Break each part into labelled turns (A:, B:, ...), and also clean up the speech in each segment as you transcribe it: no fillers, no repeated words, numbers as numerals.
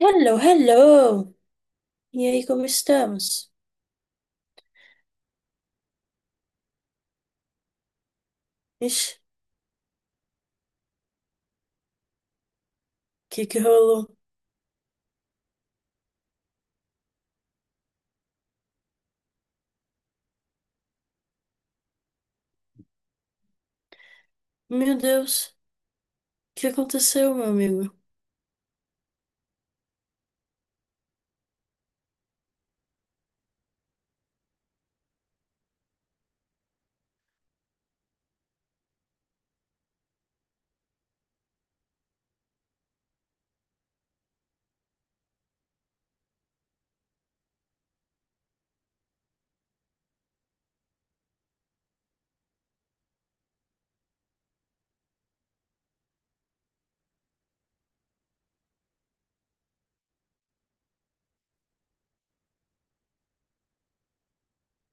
A: Hello, hello! E aí, como estamos? Ixi, o que que rolou? Meu Deus, o que aconteceu, meu amigo?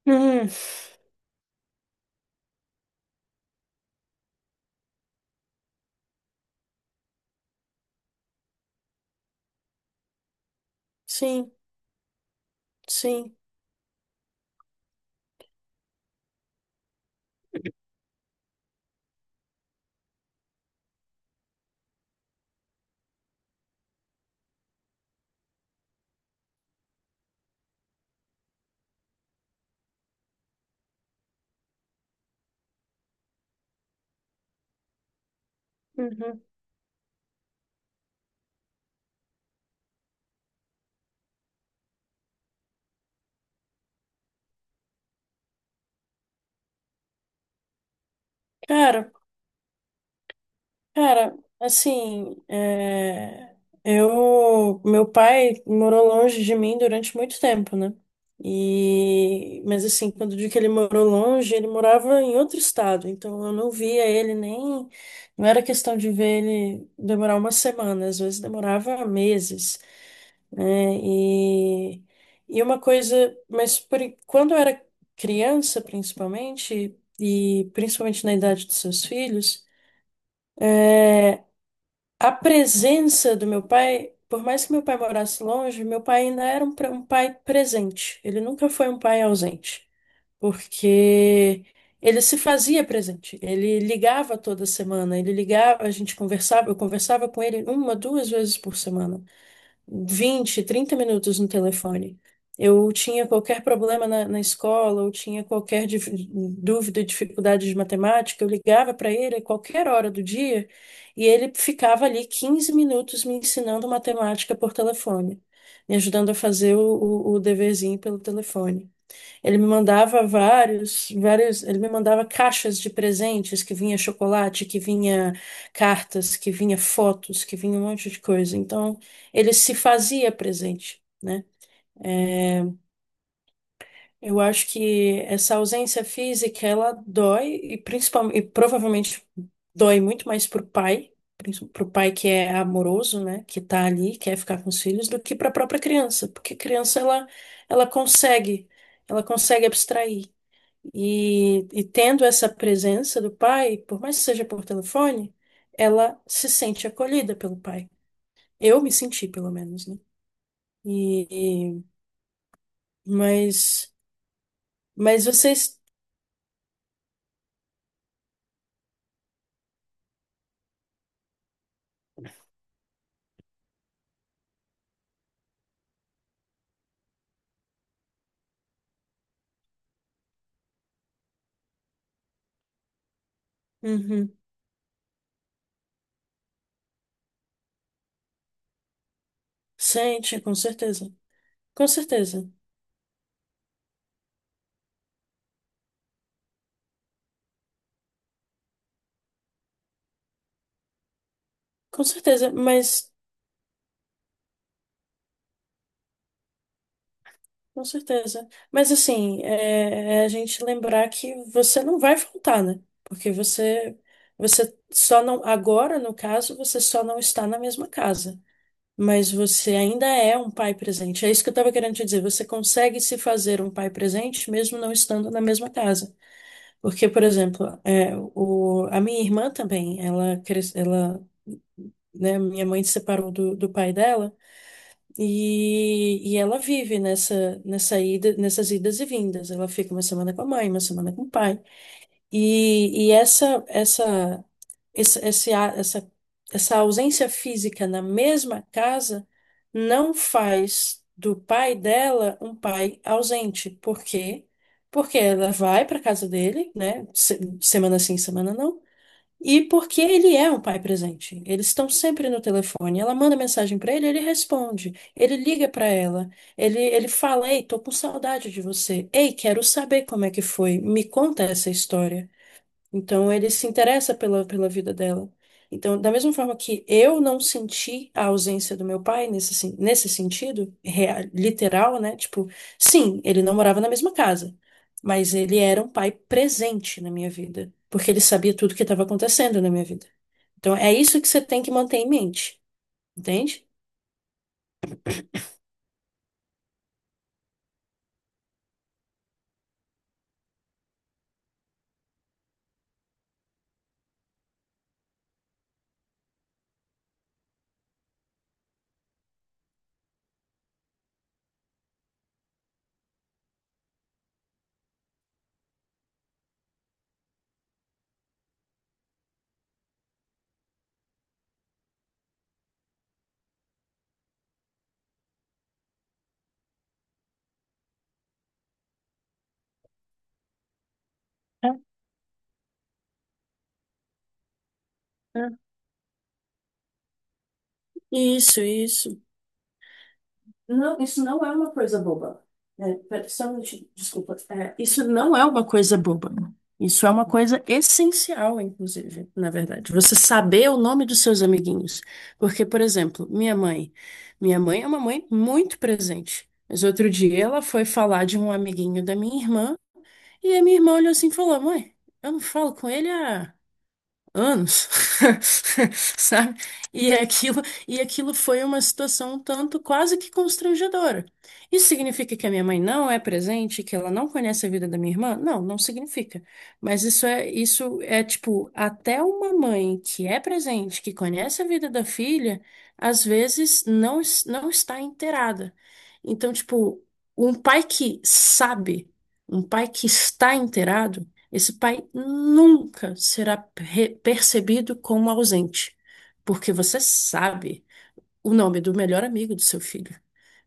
A: Hum, sim, sim. Uhum. Cara, Cara, assim, meu pai morou longe de mim durante muito tempo, né? E, mas assim, quando eu digo que ele morou longe, ele morava em outro estado, então eu não via ele nem, não era questão de ver ele demorar uma semana, às vezes demorava meses, né? E uma coisa, quando eu era criança, principalmente, e principalmente na idade dos seus filhos. A presença do meu pai, por mais que meu pai morasse longe, meu pai ainda era um pai presente. Ele nunca foi um pai ausente, porque ele se fazia presente. Ele ligava toda semana, ele ligava, a gente conversava, eu conversava com ele uma, duas vezes por semana, 20 30 minutos no telefone. Eu tinha qualquer problema na escola, eu tinha qualquer dúvida, dificuldade de matemática, eu ligava para ele a qualquer hora do dia e ele ficava ali 15 minutos me ensinando matemática por telefone, me ajudando a fazer o deverzinho pelo telefone. Ele me mandava ele me mandava caixas de presentes que vinha chocolate, que vinha cartas, que vinha fotos, que vinha um monte de coisa. Então, ele se fazia presente, né? Eu acho que essa ausência física, ela dói e principalmente, e provavelmente dói muito mais pro pai, pro pai que é amoroso, né, que tá ali, quer ficar com os filhos, do que para a própria criança, porque criança ela consegue, ela consegue abstrair. E tendo essa presença do pai, por mais que seja por telefone, ela se sente acolhida pelo pai. Eu me senti, pelo menos, né? E, e- mas, mas vocês. Uhum. Sente, com certeza. Com certeza. Com certeza, mas. Com certeza. Mas assim, é a gente lembrar que você não vai faltar, né? Porque você. Você só não. Agora, no caso, você só não está na mesma casa. Mas você ainda é um pai presente. É isso que eu estava querendo te dizer. Você consegue se fazer um pai presente mesmo não estando na mesma casa. Porque, por exemplo, a minha irmã também, ela, né, minha mãe se separou do pai dela e ela vive nessa ida, nessas idas e vindas. Ela fica uma semana com a mãe, uma semana com o pai. Essa esse- esse a- essa, essa ausência física na mesma casa não faz do pai dela um pai ausente. Por quê? Porque ela vai para casa dele, né? Semana sim, semana não. E porque ele é um pai presente. Eles estão sempre no telefone. Ela manda mensagem para ele, ele responde. Ele liga para ela. Ele fala: Ei, tô com saudade de você. Ei, quero saber como é que foi. Me conta essa história. Então ele se interessa pela vida dela. Então, da mesma forma que eu não senti a ausência do meu pai nesse sentido, real, literal, né? Tipo, sim, ele não morava na mesma casa, mas ele era um pai presente na minha vida, porque ele sabia tudo que estava acontecendo na minha vida. Então, é isso que você tem que manter em mente, entende? É, é. Isso, isso. Não, isso não é uma coisa boba. Né? Só um minutinho, desculpa. É, isso não é uma coisa boba. Isso é uma coisa essencial, inclusive, na verdade. Você saber o nome dos seus amiguinhos. Porque, por exemplo, minha mãe. Minha mãe é uma mãe muito presente. Mas outro dia ela foi falar de um amiguinho da minha irmã e a minha irmã olhou assim e falou: Mãe, eu não falo com ele há anos, sabe? E aquilo, e aquilo foi uma situação um tanto quase que constrangedora. Isso significa que a minha mãe não é presente, que ela não conhece a vida da minha irmã? Não, não significa. Mas isso é tipo, até uma mãe que é presente, que conhece a vida da filha, às vezes não está inteirada. Então, tipo, um pai que sabe, um pai que está inteirado, esse pai nunca será percebido como ausente, porque você sabe o nome do melhor amigo do seu filho,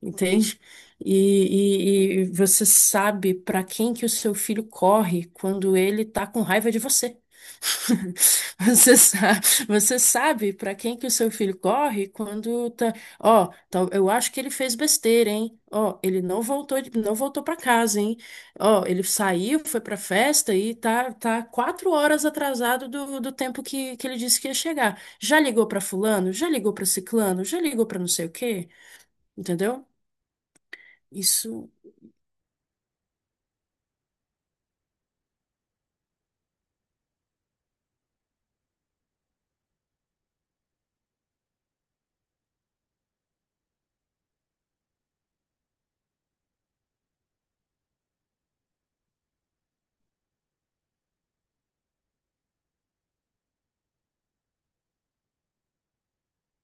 A: entende? E, e você sabe para quem que o seu filho corre quando ele tá com raiva de você. Você sabe, você sabe para quem que o seu filho corre quando tá, eu acho que ele fez besteira, hein? Ó, ele não voltou, não voltou para casa, hein? Ó, ele saiu, foi para festa e tá quatro horas atrasado do tempo que ele disse que ia chegar. Já ligou para fulano? Já ligou para ciclano? Já ligou para não sei o quê? Entendeu? Isso,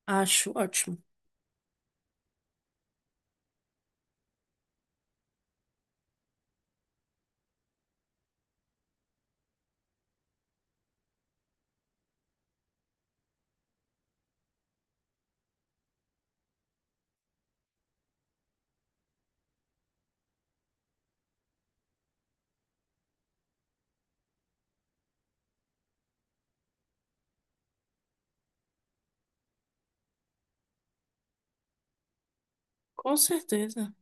A: acho ótimo. Com certeza.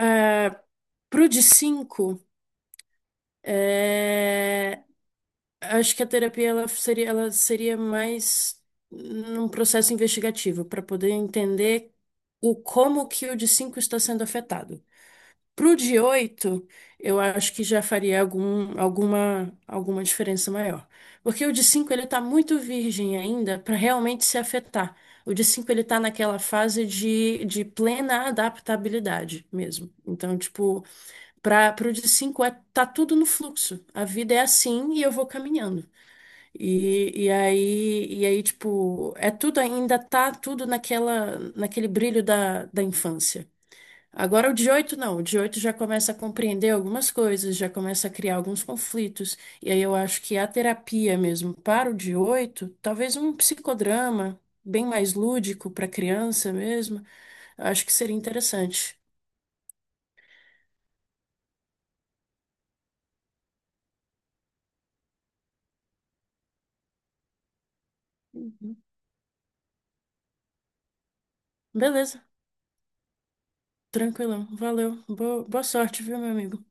A: É, pro de cinco. É, acho que a terapia ela seria mais num processo investigativo, para poder entender o como que o de 5 está sendo afetado. Para o de 8 eu acho que já faria alguma diferença maior. Porque o de 5 ele está muito virgem ainda para realmente se afetar. O de 5 ele está naquela fase de plena adaptabilidade mesmo. Então, tipo, para o de 5 é, tá tudo no fluxo. A vida é assim e eu vou caminhando. E aí, tipo, é tudo ainda tá tudo naquele brilho da infância. Agora o 18 não, o 18 já começa a compreender algumas coisas, já começa a criar alguns conflitos. E aí eu acho que a terapia mesmo para o 18, talvez um psicodrama bem mais lúdico para criança mesmo, acho que seria interessante. Uhum. Beleza, tranquilão, valeu. Boa, boa sorte, viu, meu amigo?